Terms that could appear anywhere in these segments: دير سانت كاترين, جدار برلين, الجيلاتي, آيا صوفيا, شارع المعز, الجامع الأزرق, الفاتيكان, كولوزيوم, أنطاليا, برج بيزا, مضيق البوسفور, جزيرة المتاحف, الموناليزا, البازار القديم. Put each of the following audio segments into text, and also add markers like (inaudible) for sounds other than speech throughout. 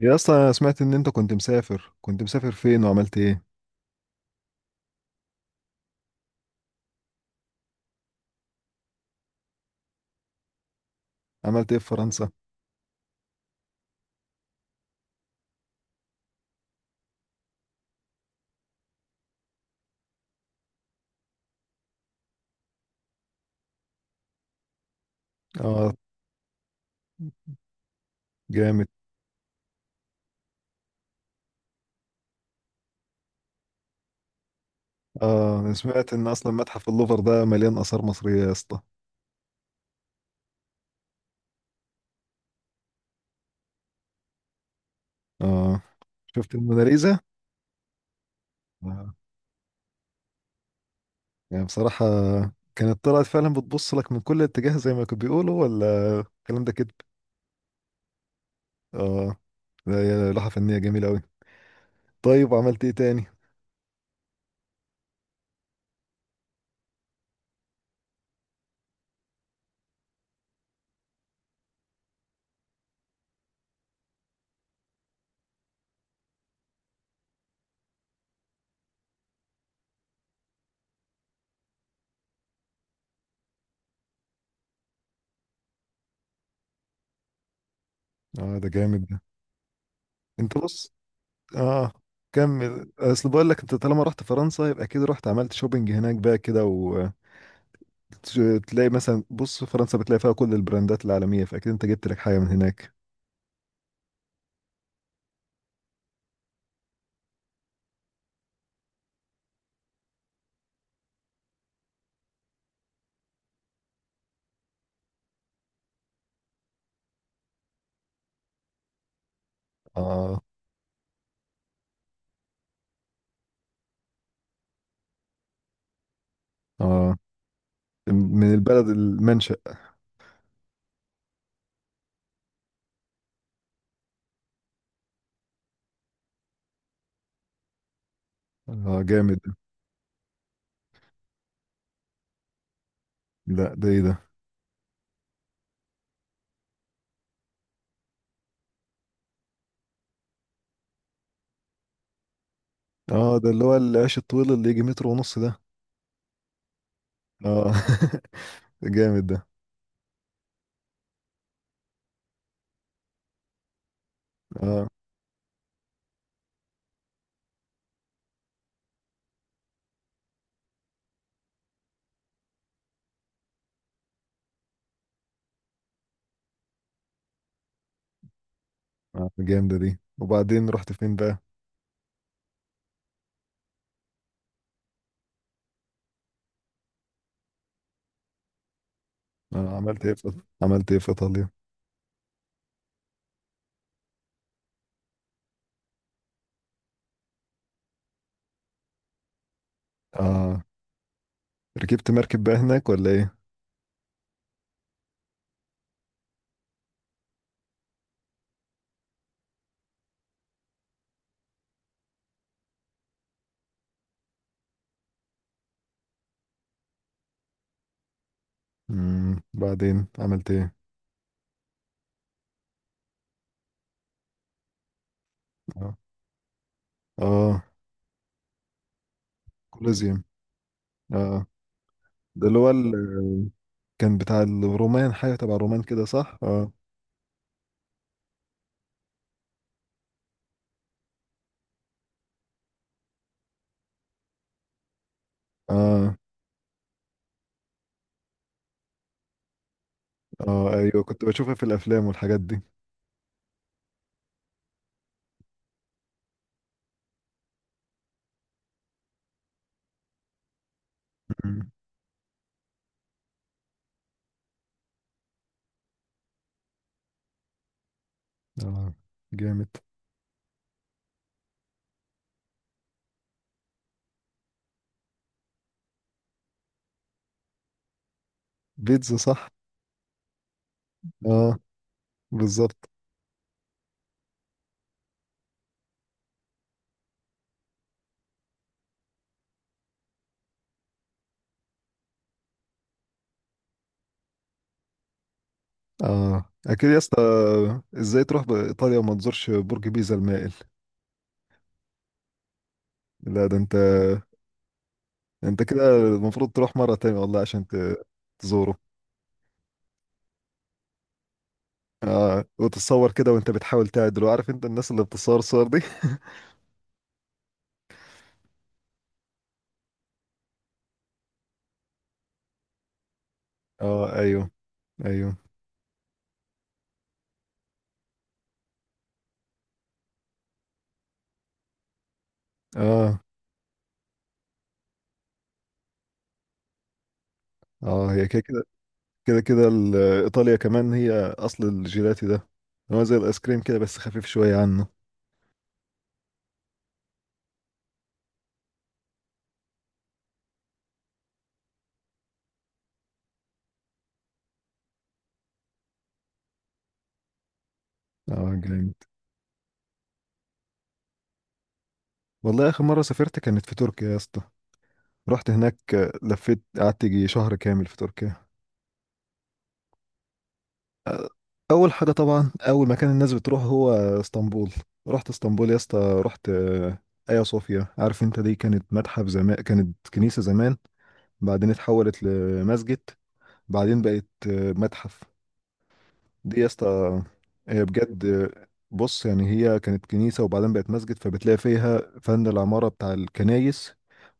يا اسطى، انا سمعت ان انت كنت مسافر فين وعملت ايه؟ عملت ايه في فرنسا؟ اه، جامد. اه، انا سمعت ان اصلا متحف اللوفر ده مليان اثار مصرية يا اسطى. اه، شفت الموناليزا. آه. يعني بصراحة، كانت طلعت فعلا بتبص لك من كل اتجاه زي ما كانوا بيقولوا، ولا الكلام ده كده؟ اه، لا، يا لوحة فنية جميلة قوي. طيب، وعملت ايه تاني؟ اه، ده جامد ده. انت بص. اه. كمل، اصل بقول لك انت طالما رحت فرنسا يبقى اكيد رحت عملت شوبينج هناك بقى كده تلاقي مثلا، بص، فرنسا بتلاقي فيها كل البراندات العالمية، فأكيد أنت جبت لك حاجة من هناك. آه. آه، من البلد المنشأ. آه، جامد. لا، ده إيه ده؟ آه، ده اللي هو العيش الطويل اللي يجي متر ونص ده؟ آه، (laughs) جامد ده. آه. آه، جامدة دي. وبعدين رحت فين بقى؟ آه، عملت إيه في إيطاليا؟ آه، ركبت مركب بقى هناك ولا إيه؟ بعدين عملت إيه؟ آه، آه، كولوزيوم. آه، ده اللي هو كان بتاع الرومان، حاجة تبع الرومان كده صح؟ اه. اه، اه، ايوه، كنت بشوفها في الافلام والحاجات دي. مم. اه، جامد. بيتزا صح؟ اه، بالظبط. اه، اكيد يا اسطى. ازاي تروح بايطاليا وما تزورش برج بيزا المائل؟ لا، ده انت. انت كده المفروض تروح مرة تانية والله عشان تزوره. اه، وتتصور كده وانت بتحاول تعدل، عارف انت الناس اللي بتصور الصور دي. (laughs) اه، ايوه، ايوه. اه. اه، هي كده. كده كده ايطاليا كمان هي. اصل الجيلاتي ده هو زي الايس كريم كده، بس خفيف شويه عنه. اه، جامد. والله اخر مره سافرت كانت في تركيا يا اسطى. رحت هناك، لفيت، قعدت يجي شهر كامل في تركيا. اول حاجه طبعا، اول مكان الناس بتروح هو اسطنبول. رحت اسطنبول يا اسطى. رحت ايا صوفيا. عارف انت، دي كانت متحف زمان، كانت كنيسه زمان. بعدين اتحولت لمسجد. بعدين بقت متحف. دي يا اسطى، بجد. بص، يعني هي كانت كنيسة وبعدين بقت مسجد، فبتلاقي فيها فن العمارة بتاع الكنايس.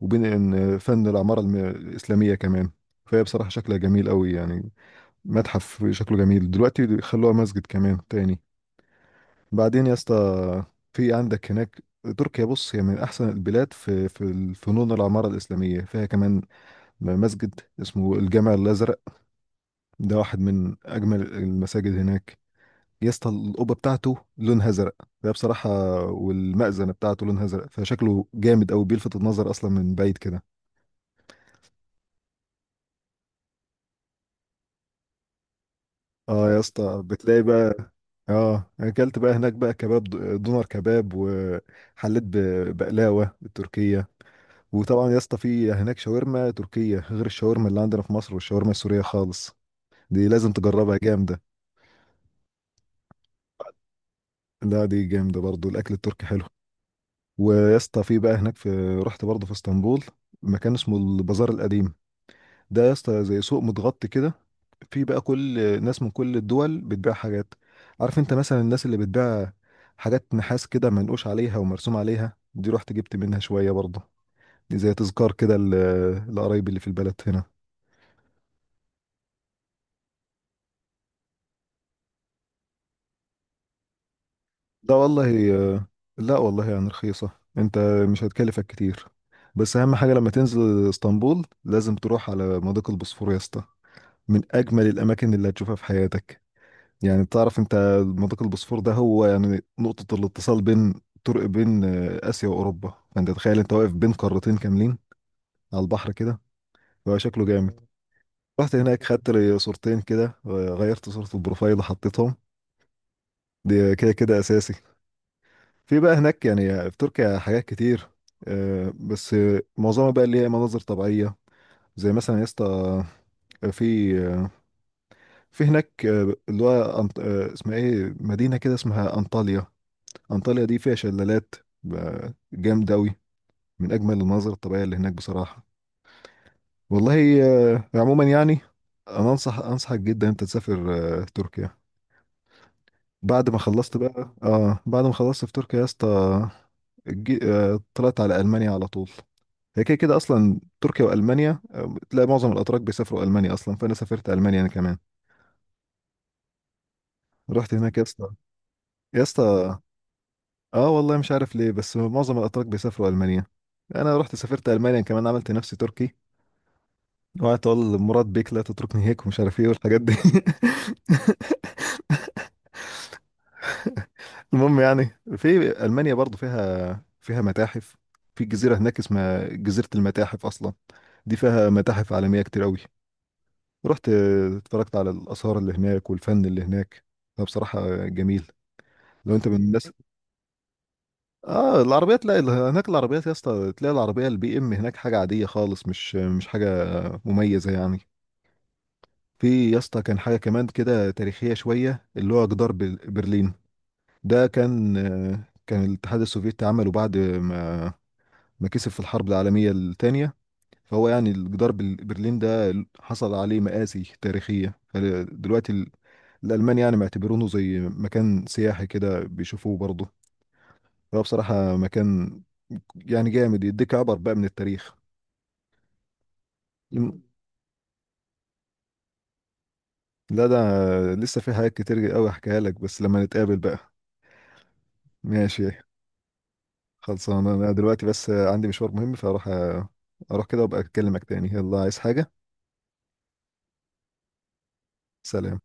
وبين إن فن العمارة الإسلامية كمان. فهي بصراحة شكلها جميل قوي يعني. متحف شكله جميل دلوقتي، خلوها مسجد كمان تاني. بعدين يا اسطى، في عندك هناك، تركيا بص، هي من أحسن البلاد في فنون العمارة الإسلامية فيها كمان. مسجد اسمه الجامع الأزرق، ده واحد من أجمل المساجد هناك. يا اسطى، القبه بتاعته لونها ازرق، ده بصراحه، والمأذنه بتاعته لونها ازرق، فشكله جامد قوي بيلفت النظر اصلا من بعيد كده. اه، يا اسطى بتلاقي بقى، اه، اكلت بقى هناك بقى كباب، دونر كباب، وحليت بقلاوه التركيه. وطبعا يا اسطى، في هناك شاورما تركيه غير الشاورما اللي عندنا في مصر والشاورما السوريه خالص. دي لازم تجربها، جامده. لا، دي جامده برضو. الاكل التركي حلو. ويا اسطى، في بقى هناك رحت برضه في اسطنبول مكان اسمه البازار القديم. ده يا اسطى زي سوق متغطي كده. في بقى كل ناس من كل الدول بتبيع حاجات. عارف انت، مثلا الناس اللي بتبيع حاجات نحاس كده منقوش عليها ومرسوم عليها، دي رحت جبت منها شوية برضه. دي زي تذكار كده لقرايبي اللي في البلد هنا. ده والله. لا، والله يعني رخيصة. انت مش هتكلفك كتير. بس اهم حاجة، لما تنزل اسطنبول لازم تروح على مضيق البوسفور يا اسطى، من اجمل الاماكن اللي هتشوفها في حياتك. يعني بتعرف انت، منطقة البوسفور ده هو يعني نقطة الاتصال بين طرق بين آسيا وأوروبا. فانت تخيل انت واقف بين قارتين كاملين على البحر كده، هو شكله جامد. رحت هناك، خدت لي صورتين كده، غيرت صورة البروفايل وحطيتهم. دي كده كده أساسي. في بقى هناك يعني، في تركيا حاجات كتير، بس معظمها بقى اللي هي مناظر طبيعية. زي مثلا يا اسطى، آه، في آه، في هناك اللي هو اسمها ايه، مدينة كده اسمها أنطاليا. أنطاليا دي فيها شلالات، جامد أوي. من أجمل المناظر الطبيعية اللي هناك بصراحة، والله. عموما يعني، أنا أنصحك جدا أنت تسافر تركيا. بعد ما خلصت في تركيا يا اسطى، طلعت على ألمانيا على طول. هي كده كده أصلا، تركيا وألمانيا، تلاقي معظم الأتراك بيسافروا ألمانيا أصلا، فأنا سافرت ألمانيا أنا كمان. رحت هناك يا اسطى. يا اسطى، آه، والله مش عارف ليه، بس معظم الأتراك بيسافروا ألمانيا. أنا سافرت ألمانيا كمان، عملت نفسي تركي. اوعى تقول مراد بيك لا تتركني هيك ومش عارف ايه والحاجات دي. (laughs) المهم يعني، في المانيا برضو فيها متاحف. في جزيره هناك اسمها جزيره المتاحف اصلا، دي فيها متاحف عالميه كتير قوي. رحت اتفرجت على الاثار اللي هناك والفن اللي هناك، فبصراحه جميل لو انت من الناس. اه، العربيات، لا. هناك العربيات يا اسطى، تلاقي العربيه البي ام هناك حاجه عاديه خالص، مش حاجه مميزه يعني. في يا اسطى كان حاجه كمان كده تاريخيه شويه، اللي هو جدار برلين. ده كان، كان الاتحاد السوفيتي عمله بعد ما كسب في الحرب العالمية الثانية. فهو يعني جدار برلين ده حصل عليه مآسي تاريخية، فدلوقتي الألمان يعني معتبرونه زي مكان سياحي كده، بيشوفوه برضه. فهو بصراحة مكان يعني جامد، يديك عبر بقى من التاريخ. لم- لا، ده لسه في حاجات كتير قوي احكيها لك بس لما نتقابل بقى. ماشي. خلصان، انا دلوقتي بس عندي مشوار مهم، فاروح اروح كده وابقى اكلمك تاني. يلا، عايز حاجة؟ سلام.